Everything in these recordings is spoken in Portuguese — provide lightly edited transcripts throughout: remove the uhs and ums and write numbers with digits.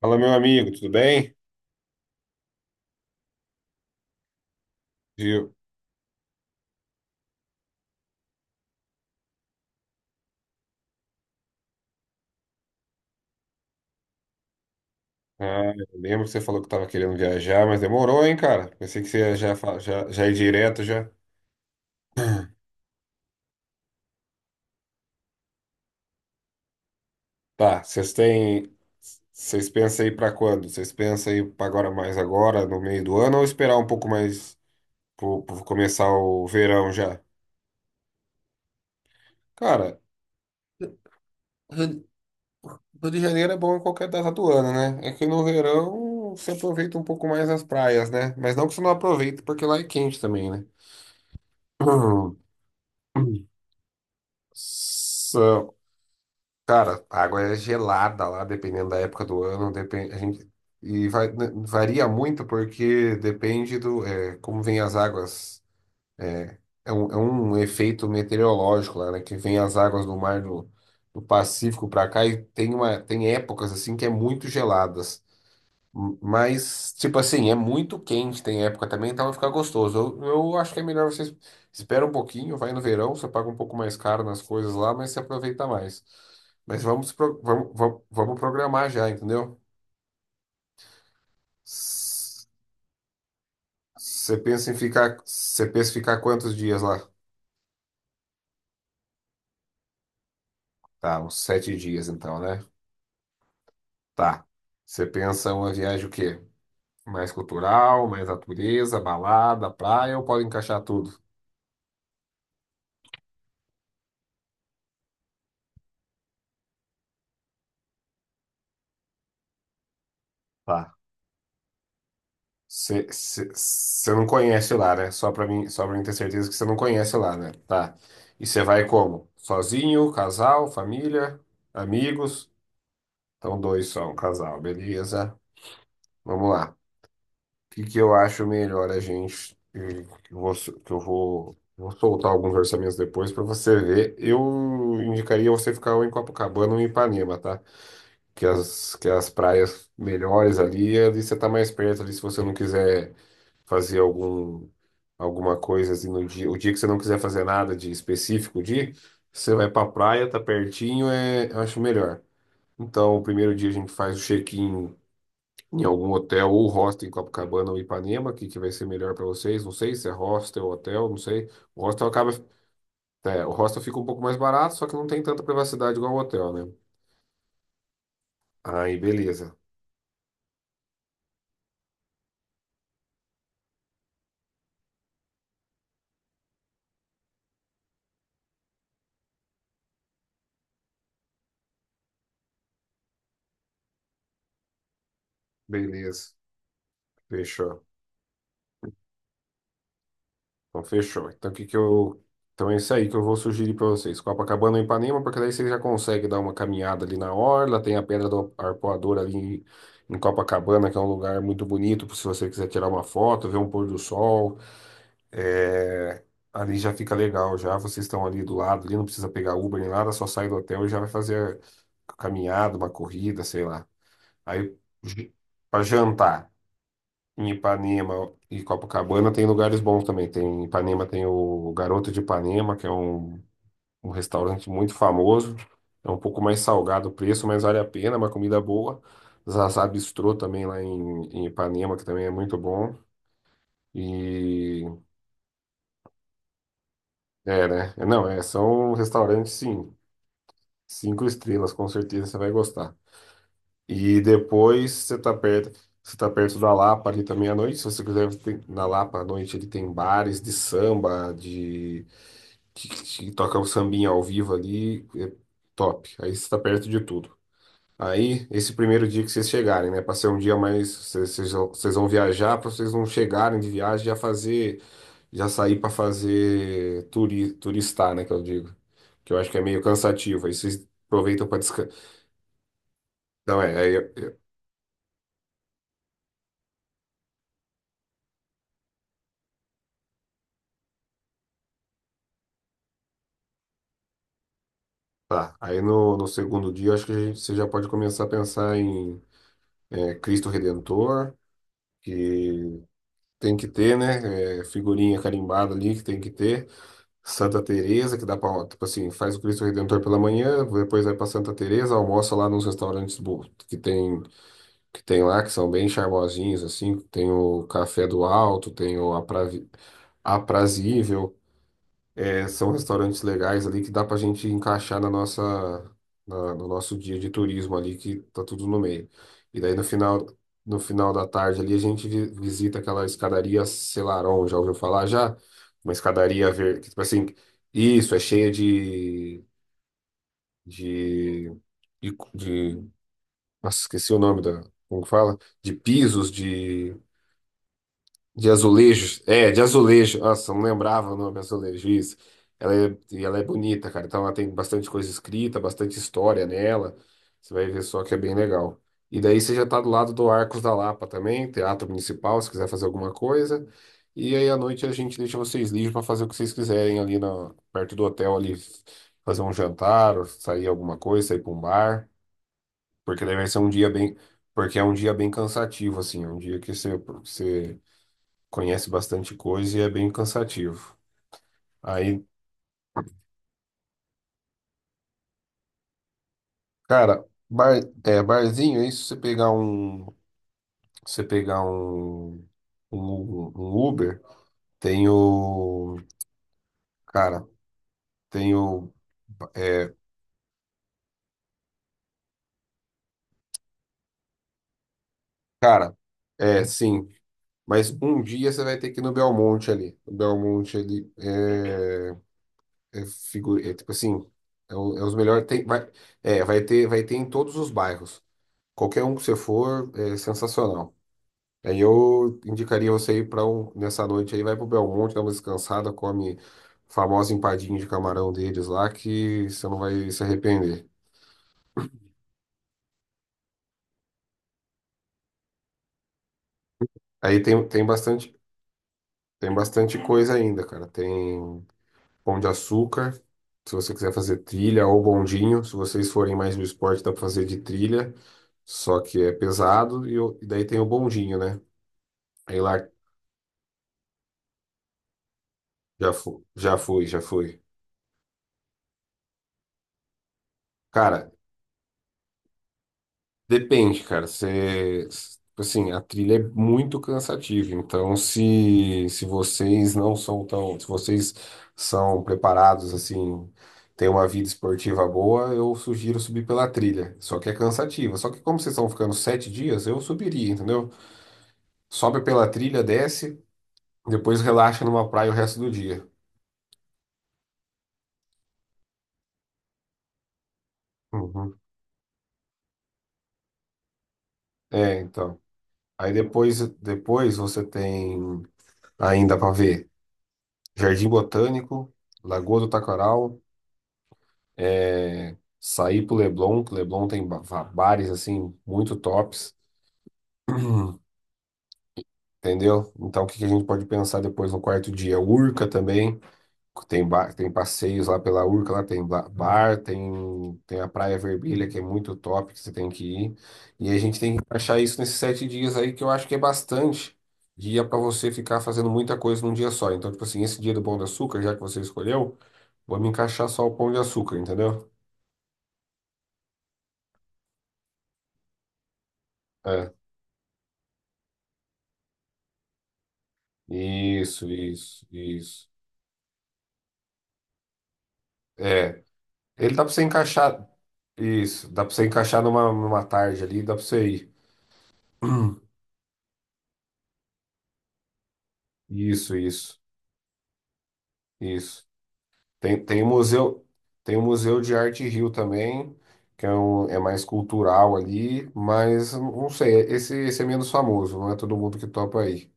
Fala, meu amigo, tudo bem? Viu? Eu lembro que você falou que estava querendo viajar, mas demorou, hein, cara? Pensei que você ia já ir direto já. Tá, vocês têm. Vocês pensam aí pra quando? Vocês pensam aí pra agora mais agora, no meio do ano, ou esperar um pouco mais pro começar o verão já? Cara, Rio Rio de Janeiro é bom em qualquer data do ano, né? É que no verão você aproveita um pouco mais as praias, né? Mas não que você não aproveite, porque lá é quente também, né? So, cara, a água é gelada lá, dependendo da época do ano, depende, a gente, né, varia muito porque depende do, como vem as águas, é, é um efeito meteorológico lá, né, que vem as águas do mar do Pacífico para cá e tem uma, tem épocas assim que é muito geladas. Mas, tipo assim, é muito quente, tem época também, então vai ficar gostoso. Eu acho que é melhor você espera um pouquinho, vai no verão, você paga um pouco mais caro nas coisas lá, mas você aproveita mais. Mas vamos programar já, entendeu? S- Você pensa em ficar, quantos dias lá? Tá, uns 7 dias então, né? Tá. Você pensa uma viagem o quê? Mais cultural, mais natureza, balada, praia, ou pode encaixar tudo? Tá. Você não conhece lá, né? Só pra mim ter certeza que você não conhece lá, né? Tá. E você vai como? Sozinho, casal, família, amigos? Então, dois só, um casal, beleza? Vamos lá. O que que eu acho melhor a gente. Que eu vou soltar alguns orçamentos depois pra você ver. Eu indicaria você ficar ou em Copacabana ou em Ipanema, tá? Que as praias melhores ali, ali você tá mais perto ali se você não quiser fazer algum, alguma coisa assim no dia. O dia que você não quiser fazer nada de específico, o dia, você vai pra praia, tá pertinho, eu acho melhor. Então, o primeiro dia a gente faz o check-in em algum hotel ou hostel em Copacabana ou Ipanema, que vai ser melhor pra vocês. Não sei se é hostel ou hotel, não sei. O hostel acaba, o hostel fica um pouco mais barato, só que não tem tanta privacidade igual o hotel, né? Aí, beleza. Beleza. Fechou. Então, fechou. Então, o que que eu. Então, é isso aí que eu vou sugerir para vocês. Copacabana ou Ipanema, porque daí vocês já conseguem dar uma caminhada ali na orla. Tem a Pedra do Arpoador ali em Copacabana, que é um lugar muito bonito, se você quiser tirar uma foto, ver um pôr do sol. É, Ali já fica legal, já. Vocês estão ali do lado, ali não precisa pegar Uber nem nada, só sai do hotel e já vai fazer a caminhada, uma corrida, sei lá. Aí, para jantar. Em Ipanema e Copacabana tem lugares bons também. Tem, em Ipanema tem o Garoto de Ipanema, que é um restaurante muito famoso. É um pouco mais salgado o preço, mas vale a pena, é uma comida boa. Zazá Bistrô também lá em Ipanema, que também é muito bom. E é, né? É. Não, são restaurantes, sim. 5 estrelas, com certeza você vai gostar. E depois você tá perto da Lapa ali também à noite. Se você quiser na Lapa à noite, ele tem bares de samba, de que toca o sambinha ao vivo ali, é top. Aí você está perto de tudo. Aí, esse primeiro dia que vocês chegarem, né? Pra ser um dia mais. Vocês vão viajar, para vocês não chegarem de viagem já fazer. Já sair para fazer turistar, né? Que eu digo. Que eu acho que é meio cansativo. Aí vocês aproveitam para descansar. Então, é. Tá. Aí no segundo dia, eu acho que você já pode começar a pensar em Cristo Redentor, que tem que ter, né? Figurinha carimbada ali que tem que ter. Santa Teresa, que dá pra, tipo assim, faz o Cristo Redentor pela manhã, depois vai pra Santa Teresa, almoça lá nos restaurantes que tem lá, que são bem charmosinhos assim, tem o Café do Alto, tem o Aprazível, é, são restaurantes legais ali que dá pra gente encaixar na nossa, no nosso dia de turismo ali, que tá tudo no meio. E daí no final da tarde ali a gente visita aquela escadaria Selarón, já ouviu falar já? Uma escadaria verde, que, tipo assim, isso, é cheia de, de, de- nossa, esqueci o nome da, como que fala? De pisos, de azulejos? É, de azulejo. Nossa, não lembrava o nome azulejo. Isso. Ela é bonita, cara. Então ela tem bastante coisa escrita, bastante história nela. Você vai ver só que é bem legal. E daí você já tá do lado do Arcos da Lapa também, Teatro Municipal, se quiser fazer alguma coisa. E aí à noite a gente deixa vocês livres para fazer o que vocês quiserem ali na, perto do hotel ali, fazer um jantar, ou sair alguma coisa, sair para um bar, porque daí vai ser um dia bem, porque é um dia bem cansativo assim, é um dia que você conhece bastante coisa e é bem cansativo. Aí, cara, bar, barzinho, é isso, você pegar um Uber, tem o, cara, tem o, é, cara, sim, mas um dia você vai ter que ir no Belmonte ali, o Belmonte ali é tipo assim, é os melhores, tem, vai, é, vai ter em todos os bairros, qualquer um que você for, é sensacional. Aí eu indicaria você ir para um, nessa noite aí, vai pro Belmonte, dá uma descansada, come a famosa empadinha de camarão deles lá, que você não vai se arrepender. Aí tem, tem bastante coisa ainda, cara. Tem pão de açúcar, se você quiser fazer trilha, ou bondinho, se vocês forem mais do esporte, dá pra fazer de trilha, só que é pesado, e daí tem o bondinho, né? Aí lá já fui, já fui, já fui. Cara, depende, cara. Você, assim, a trilha é muito cansativa. Então, se vocês não são tão, se vocês são preparados, assim, têm uma vida esportiva boa, eu sugiro subir pela trilha. Só que é cansativa. Só que como vocês estão ficando 7 dias, eu subiria, entendeu? Sobe pela trilha, desce, depois relaxa numa praia o resto do dia. Uhum. É, então. Aí depois você tem ainda para ver Jardim Botânico, Lagoa do Taquaral. É, saí pro Leblon, que Leblon tem bares assim muito tops, entendeu? Então o que que a gente pode pensar depois no quarto dia? Urca também, tem tem passeios lá pela Urca, lá tem bar, tem a Praia Vermelha que é muito top que você tem que ir. E a gente tem que achar isso nesses 7 dias aí que eu acho que é bastante dia para você ficar fazendo muita coisa num dia só. Então tipo assim, esse dia do Pão de Açúcar, já que você escolheu, vou me encaixar só o Pão de Açúcar, entendeu? É. Isso, isso, isso. É, ele dá pra você encaixar. Isso, dá pra você encaixar numa tarde ali, dá pra você ir. Isso, isso, isso. Tem o museu, tem o Museu de Arte Rio também, que é, um, é mais cultural ali, mas não sei, esse é menos famoso, não é todo mundo que topa aí.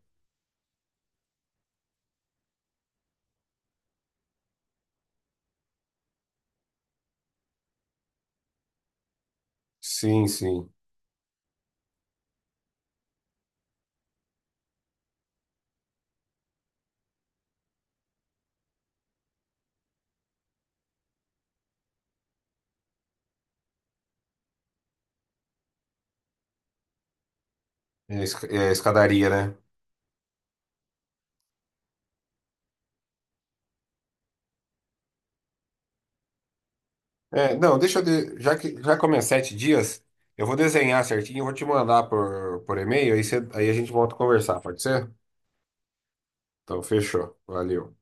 Sim, sim. É, a é a escadaria, né? É, não, deixa eu. Já que, já como é 7 dias, eu vou desenhar certinho, eu vou te mandar por, e-mail, aí, aí a gente volta a conversar, pode ser? Então, fechou. Valeu.